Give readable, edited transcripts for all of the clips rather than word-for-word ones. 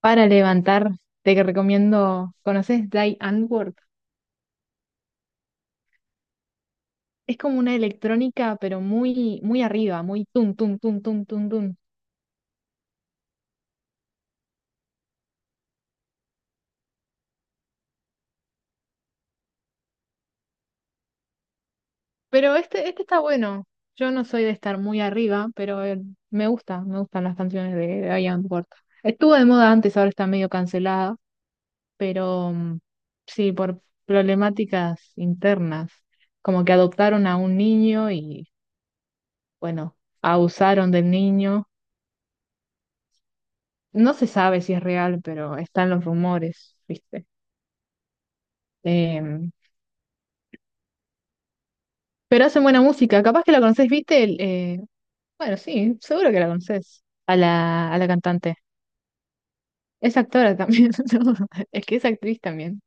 Para levantar, te recomiendo, ¿conoces Die Antwoord? Es como una electrónica, pero muy, muy arriba, muy tum, tum, tum, tum, tum, tum. Pero este está bueno. Yo no soy de estar muy arriba, pero me gusta, me gustan las canciones de Die Antwoord. Estuvo de moda antes, ahora está medio cancelada, pero sí, por problemáticas internas, como que adoptaron a un niño y, bueno, abusaron del niño. No se sabe si es real, pero están los rumores, ¿viste? Em, pero hacen buena música. Capaz que la conocés, ¿viste? Bueno, sí, seguro que la conocés. A la cantante. Es actora también. ¿No? Es que es actriz también.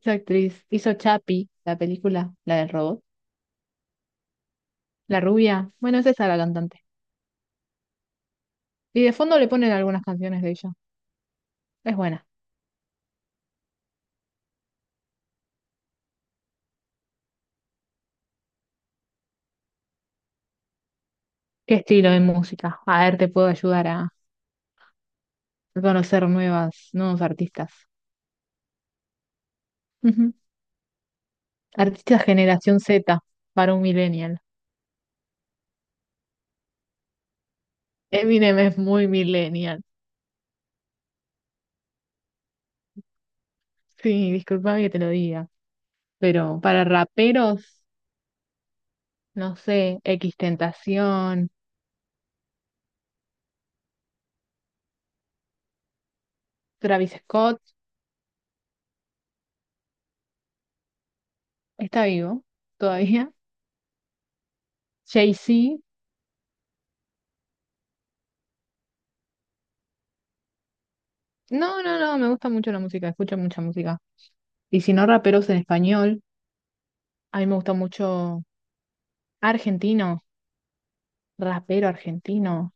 Es actriz. Hizo Chapi la película, la del robot. La rubia. Bueno, es esa la cantante. Y de fondo le ponen algunas canciones de ella. Es buena. ¿Qué estilo de música? A ver, te puedo ayudar a conocer nuevos artistas. Ujú. Artista generación Z para un millennial. Eminem es muy millennial. Sí, discúlpame que te lo diga. Pero para raperos, no sé, Tentación, Travis Scott, está vivo todavía. Jay-Z. No, me gusta mucho la música, escucho mucha música. Y si no raperos en español, a mí me gusta mucho argentino, rapero argentino.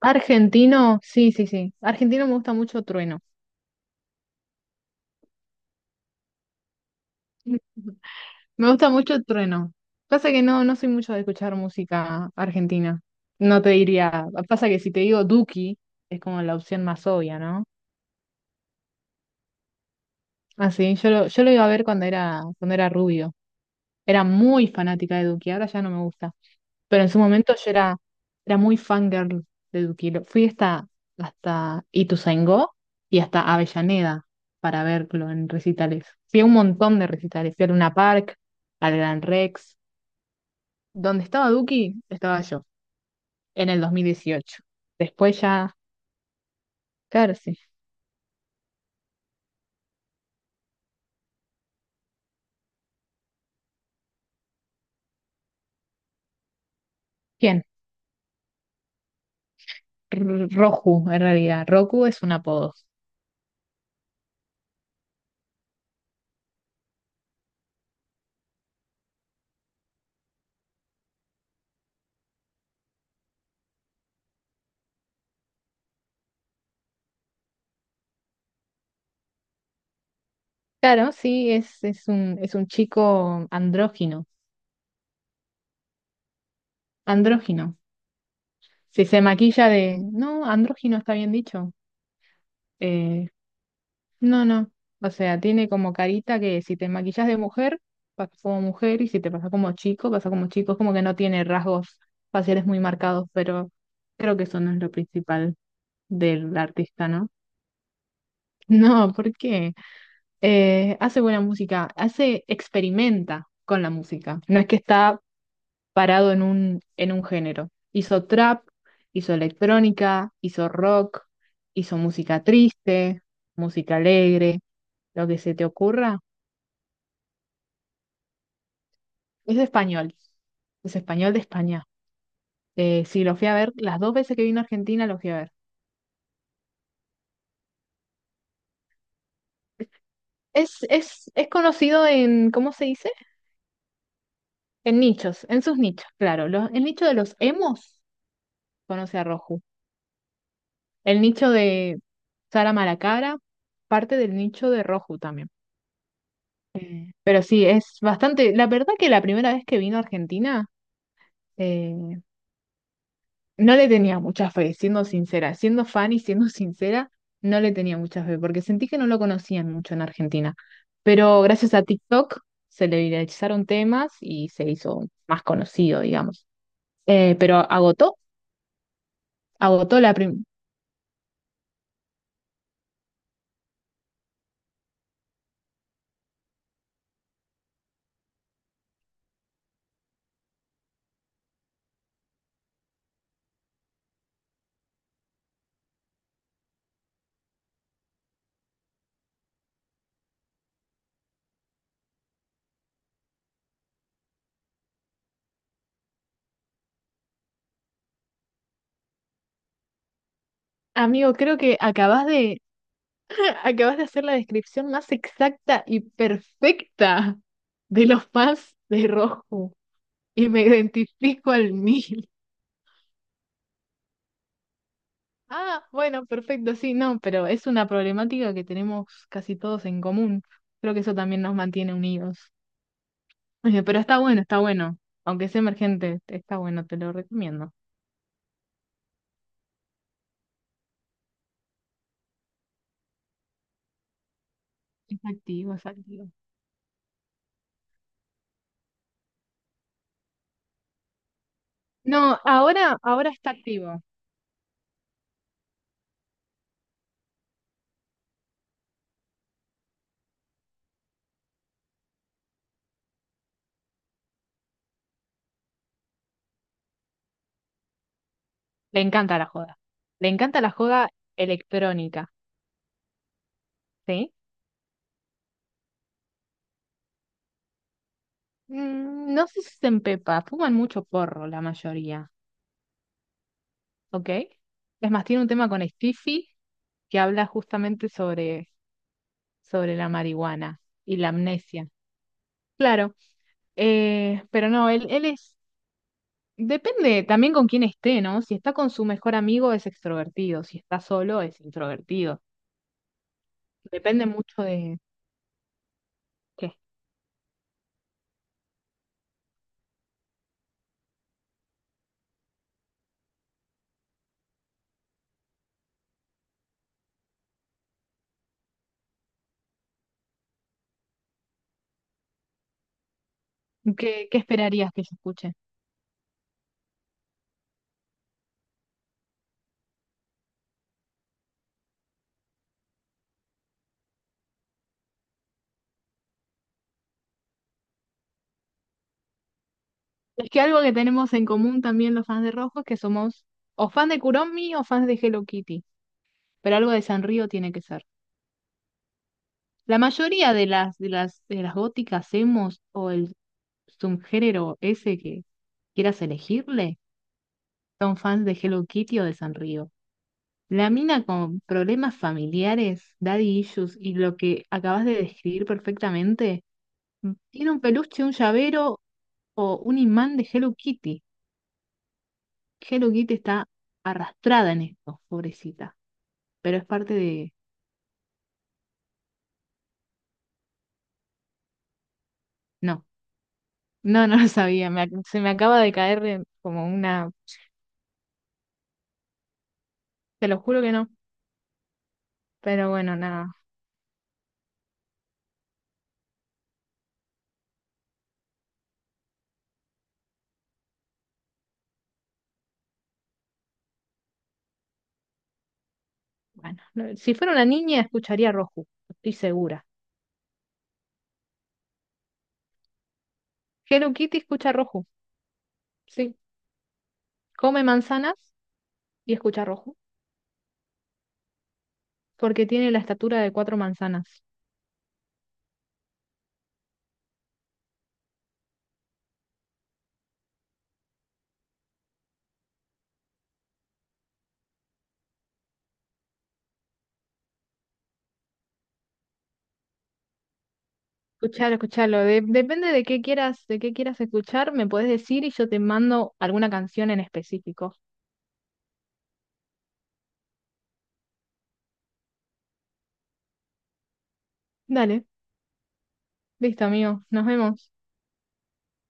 Argentino, sí, sí, sí. Argentino me gusta mucho Trueno. Me gusta mucho Trueno. Pasa que no soy mucho de escuchar música argentina. No te diría. Pasa que si te digo Duki, es como la opción más obvia, ¿no? Así, yo lo iba a ver cuando cuando era rubio. Era muy fanática de Duki, ahora ya no me gusta. Pero en su momento era muy fangirl de Duki. Fui hasta, hasta Ituzaingó y hasta Avellaneda para verlo en recitales. Fui a un montón de recitales. Fui al Luna Park, al Gran Rex. Donde estaba Duki, estaba yo, en el 2018. Después ya, claro, sí. ¿Quién? Roku, en realidad. Roku es un apodo. Claro, sí, es un chico andrógino. Andrógino. Si se maquilla de... No, andrógino está bien dicho. Eh, no, no. O sea, tiene como carita que si te maquillas de mujer, pasa como mujer, y si te pasa como chico, pasa como chico. Es como que no tiene rasgos faciales muy marcados, pero creo que eso no es lo principal del artista, ¿no? No, ¿por qué? Hace buena música, hace, experimenta con la música. No es que está parado en en un género. Hizo trap, hizo electrónica, hizo rock, hizo música triste, música alegre, lo que se te ocurra. Es español, es español de España. Sí, lo fui a ver, las dos veces que vino a Argentina lo fui a ver. Es conocido en, ¿cómo se dice? En nichos, en sus nichos, claro. El nicho de los emos conoce a Roju. El nicho de Sara Malacara, parte del nicho de Roju también. Pero sí, es bastante. La verdad que la primera vez que vino a Argentina, eh, no le tenía mucha fe, siendo sincera. Siendo fan y siendo sincera, no le tenía mucha fe, porque sentí que no lo conocían mucho en Argentina. Pero gracias a TikTok se le viralizaron temas y se hizo más conocido, digamos. Pero agotó la primera. Amigo, creo que acabas de hacer la descripción más exacta y perfecta de los fans de Rojo y me identifico al mil. Ah, bueno, perfecto, sí, no, pero es una problemática que tenemos casi todos en común. Creo que eso también nos mantiene unidos. Oye, pero está bueno, está bueno. Aunque sea emergente, está bueno, te lo recomiendo. Es activo, es activo. No, ahora, ahora está activo. Le encanta la joda. Le encanta la joda electrónica, ¿sí? No sé si se empepa, fuman mucho porro la mayoría, ¿ok? Es más, tiene un tema con Stiffy que habla justamente sobre la marihuana y la amnesia. Claro, pero no, él es, depende también con quién esté, ¿no? Si está con su mejor amigo es extrovertido, si está solo es introvertido. Depende mucho de qué, qué esperarías que yo escuche. Es que algo que tenemos en común también los fans de Rojo es que somos o fans de Kuromi o fans de Hello Kitty. Pero algo de Sanrío tiene que ser. La mayoría de las góticas emos o el subgénero ese que quieras elegirle son fans de Hello Kitty o de Sanrío. La mina con problemas familiares, daddy issues y lo que acabas de describir perfectamente, tiene un peluche, un llavero o un imán de Hello Kitty. Hello Kitty está arrastrada en esto, pobrecita. Pero es parte de... No, no, no lo sabía. Se me acaba de caer como una... Te lo juro que no. Pero bueno, nada. Bueno, si fuera una niña escucharía Roju, estoy segura. Hello Kitty escucha Roju, sí. Come manzanas y escucha Roju, porque tiene la estatura de cuatro manzanas. Escuchalo, escuchalo. Depende de qué de qué quieras escuchar, me podés decir y yo te mando alguna canción en específico. Dale, listo, amigo. Nos vemos.